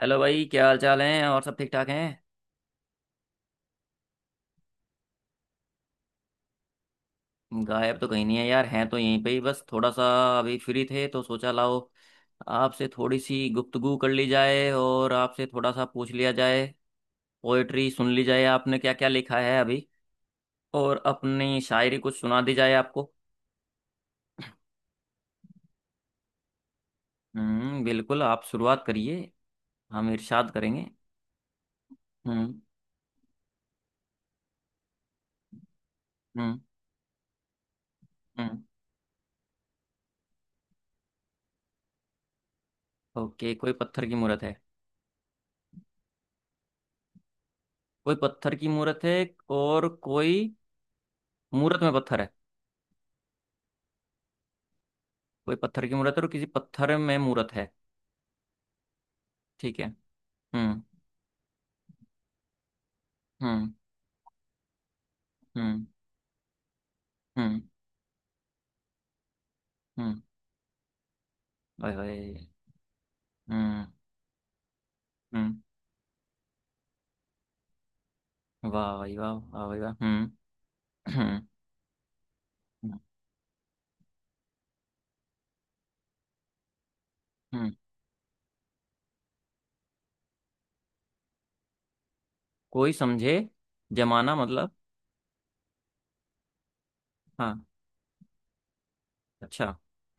Hello भाई, क्या हाल चाल है? और सब ठीक ठाक हैं? गायब तो कहीं नहीं है यार। हैं तो यहीं पे ही। बस थोड़ा सा अभी फ्री थे, तो सोचा लाओ, आपसे थोड़ी सी गुफ्तगू कर ली जाए और आपसे थोड़ा सा पूछ लिया जाए, पोएट्री सुन ली जाए, आपने क्या क्या लिखा है अभी, और अपनी शायरी कुछ सुना दी जाए आपको। हम्म, बिल्कुल। आप शुरुआत करिए, हम इरशाद करेंगे। हम्म। हम्म। हम्म। ओके, कोई पत्थर की मूरत है। कोई पत्थर की मूरत है, और कोई मूरत में पत्थर है। कोई पत्थर की मूर्त है और किसी पत्थर में मूर्त है। ठीक है। हम्म। हम्म। हम्म। हम्म। हम्म। ओए होए। हम्म। हम्म। वाह भाई वाह, वाह भाई वाह। हम्म। हम्म। हम्म। हम्म। कोई समझे? जमाना मतलब? हाँ। अच्छा।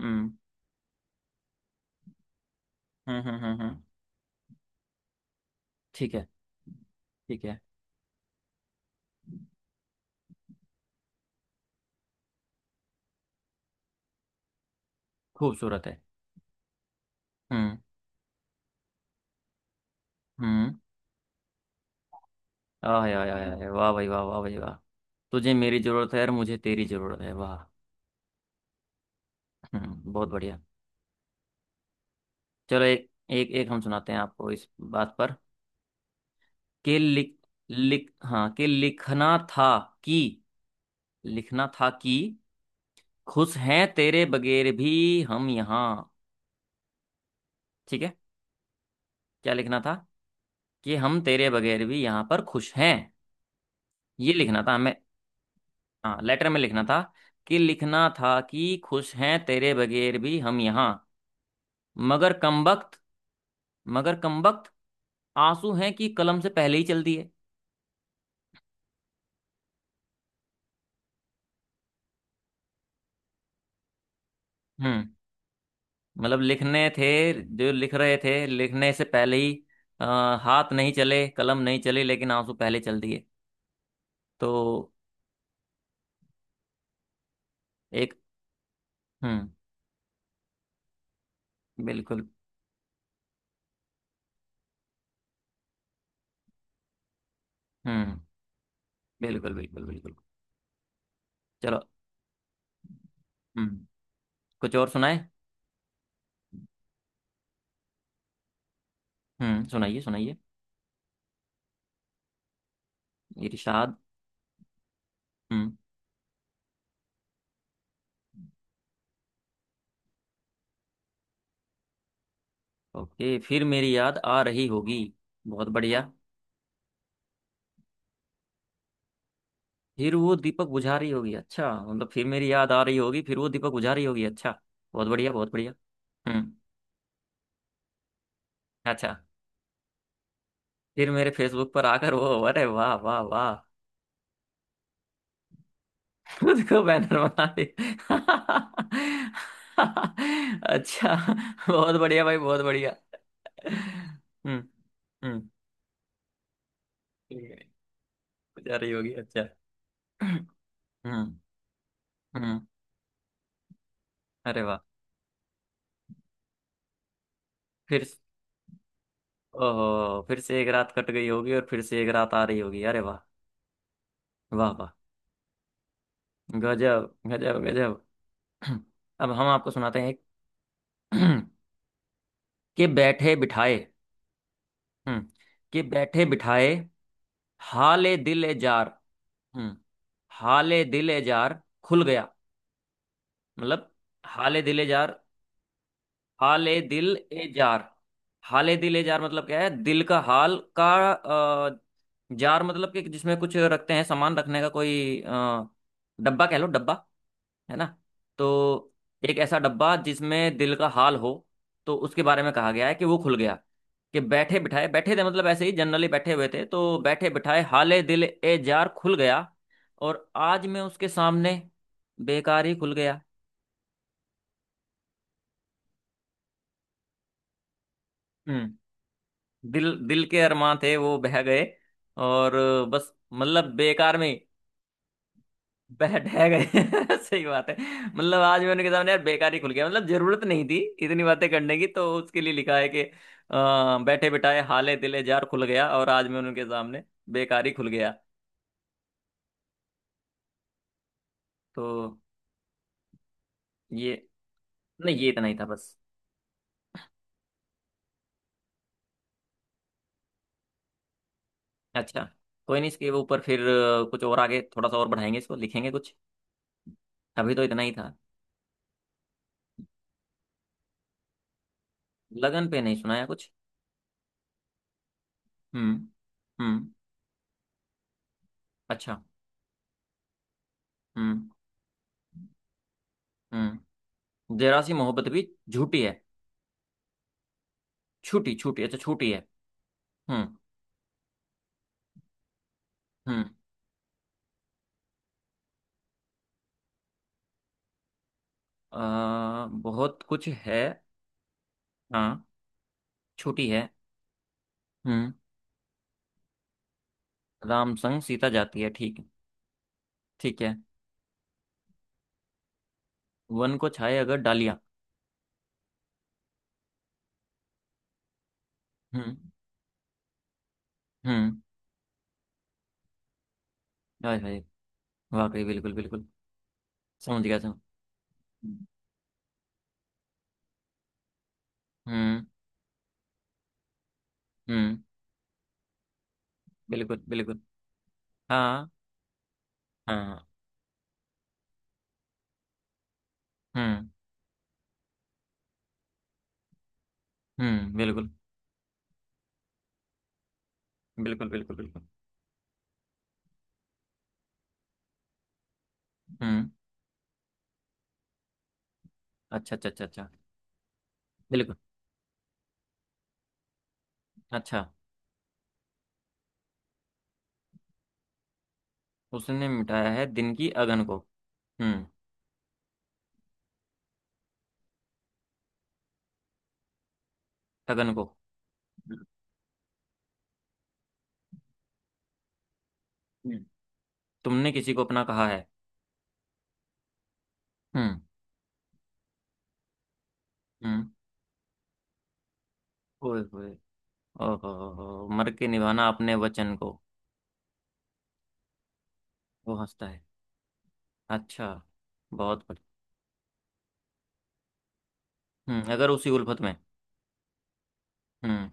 हम्म। हम्म। हम्म। हम्म। हम्म। ठीक है। ठीक है। खूबसूरत है। हम्म। हम्म। आय आय आय आय, वाह भाई वाह, वाह भाई वाह। तुझे मेरी जरूरत है और मुझे तेरी जरूरत है, वाह। हम्म, बहुत बढ़िया। चलो, एक एक एक हम सुनाते हैं आपको इस बात पर। के लिख लिख हाँ के लिखना था। कि लिखना था कि खुश हैं तेरे बगैर भी हम यहाँ। ठीक है। क्या लिखना था? कि हम तेरे बगैर भी यहाँ पर खुश हैं, ये लिखना था हमें। हाँ, लेटर में लिखना था कि खुश हैं तेरे बगैर भी हम यहाँ। मगर कमबख्त मगर कमबख्त आंसू हैं कि कलम से पहले ही चल दिए। हम्म। मतलब लिखने थे जो लिख रहे थे, लिखने से पहले ही अ, हाथ नहीं चले, कलम नहीं चली, लेकिन आंसू पहले चल दिए। तो एक। हम्म। बिल्कुल। हम्म। बिल्कुल बिल्कुल बिल्कुल। चलो। हम्म। कुछ और सुनाए? हम्म। सुनाइए सुनाइए, इरशाद। हम्म। ओके, फिर मेरी याद आ रही होगी। बहुत बढ़िया। फिर वो दीपक बुझा रही होगी, अच्छा मतलब फिर मेरी याद आ रही होगी, फिर वो दीपक बुझा रही होगी, अच्छा। बहुत बढ़िया, बहुत बढ़िया। हम्म। अच्छा। फिर मेरे फेसबुक पर आकर वो, अरे वाह वाह वाह। खुद को बैनर बना दे। अच्छा। बहुत बढ़िया भाई, बहुत बढ़िया। हम्म। हम्म। ठीक है। जा रही होगी, अच्छा। हम्म। हम्म। अरे वाह। फिर, ओहो, फिर से एक रात कट गई होगी और फिर से एक रात आ रही होगी, अरे वाह। वाह वाह। गजब। गजब गजब। अब हम आपको सुनाते हैं एक, कि बैठे बिठाए। हम्म। कि बैठे बिठाए हाले दिल ए जार। हम्म। हाले दिल ए जार खुल गया, मतलब। हाले दिल ए जार। हाले दिल ए जार। हाले दिल ए जार मतलब क्या है? दिल का हाल का। अ, जार मतलब कि जिसमें कुछ रखते हैं, सामान रखने का कोई डब्बा, कह लो डब्बा, है ना। तो एक ऐसा डब्बा जिसमें दिल का हाल हो, तो उसके बारे में कहा गया है कि वो खुल गया। कि बैठे बिठाए, बैठे थे मतलब ऐसे ही जनरली बैठे हुए थे, तो बैठे बिठाए हाले दिल ए जार खुल गया, और आज मैं उसके सामने बेकार ही खुल गया। हम्म। दिल, दिल के अरमां थे वो बह गए, और बस मतलब बेकार में बह ढह गए। सही बात है। मतलब आज मैं उनके सामने यार बेकार ही खुल गया, मतलब जरूरत नहीं थी इतनी बातें करने की, तो उसके लिए लिखा है कि बैठे बिठाए हाले दिले जार खुल गया और आज मैं उनके सामने बेकार ही खुल गया। तो ये, नहीं ये इतना ही था बस। अच्छा। कोई नहीं, इसके ऊपर फिर कुछ और आगे थोड़ा सा और बढ़ाएंगे, इसको लिखेंगे कुछ। अभी तो इतना ही था। लगन पे नहीं सुनाया कुछ। हम्म। हम्म। अच्छा। हम्म। हम्म। जरा सी मोहब्बत भी झूठी है? छूटी छूटी, अच्छा, छूटी है। हम्म। हम्म। बहुत कुछ है। हाँ। छूटी है। हम्म। राम संग सीता जाती है, ठीक है। ठीक है। वन को छाए अगर डालियाँ। हम्म। हम्म। हाय हाय, वाकई। बिल्कुल बिल्कुल। समझ गया, समझ। हम्म। हम्म। बिल्कुल बिल्कुल। हाँ। हाँ। हम्म। हम्म। बिल्कुल बिल्कुल बिल्कुल। बिल्कुल। हम्म। अच्छा अच्छा अच्छा अच्छा। बिल्कुल। अच्छा। उसने मिटाया है दिन की अगन को। हम्म। अगन को। हम्म। तुमने किसी को अपना कहा है? हम्म। हम्म। ओए होए। ओहो। हो, मर के निभाना अपने वचन को, वो हंसता है। अच्छा। बहुत बढ़िया। हम्म, अगर उसी उल्फत में। हम्म।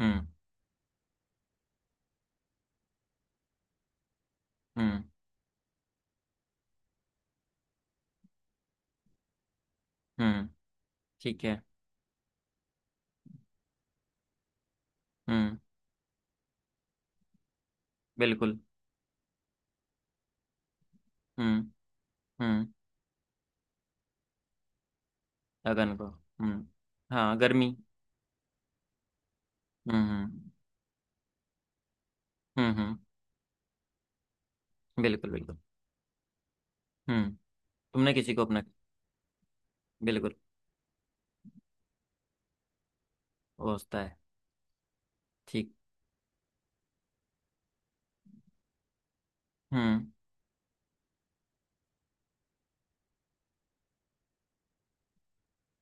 हम्म। हम्म। हम्म। ठीक है। हम्म। बिल्कुल। हम्म। हम्म। अगन को। हम्म। हाँ, गर्मी। हम्म। हम्म। हम्म। बिल्कुल बिल्कुल। हम्म। तुमने किसी को अपना, बिल्कुल। वो होता है। ठीक। हम्म।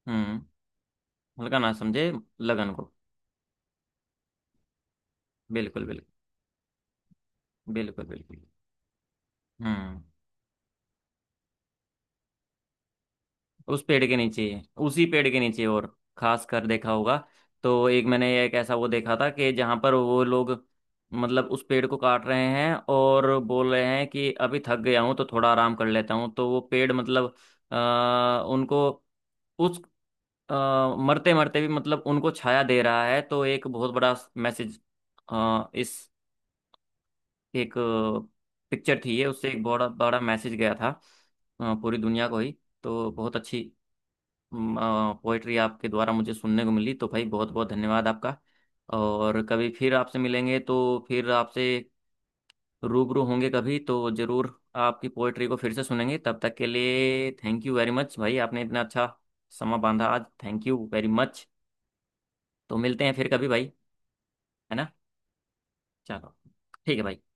हम्म। हल्का ना समझे लगन को। बिल्कुल बिल्कुल। बिल्कुल बिल्कुल। हम्म। उस पेड़ के नीचे ही, उसी पेड़ के नीचे, और खास कर देखा होगा। तो एक मैंने एक ऐसा वो देखा था कि जहां पर वो लोग मतलब उस पेड़ को काट रहे हैं, और बोल रहे हैं कि अभी थक गया हूं तो थोड़ा आराम कर लेता हूं, तो वो पेड़ मतलब उनको उस मरते मरते भी मतलब उनको छाया दे रहा है। तो एक बहुत बड़ा मैसेज इस एक पिक्चर थी ये, उससे एक बड़ा बड़ा मैसेज गया था पूरी दुनिया को ही। तो बहुत अच्छी पोएट्री आपके द्वारा मुझे सुनने को मिली, तो भाई बहुत बहुत धन्यवाद आपका। और कभी फिर आपसे मिलेंगे तो फिर आपसे रूबरू होंगे कभी तो ज़रूर। आपकी पोएट्री को फिर से सुनेंगे, तब तक के लिए थैंक यू वेरी मच भाई, आपने इतना अच्छा समा बांधा आज, थैंक यू वेरी मच। तो मिलते हैं फिर कभी भाई, है ना। चलो, ठीक है भाई।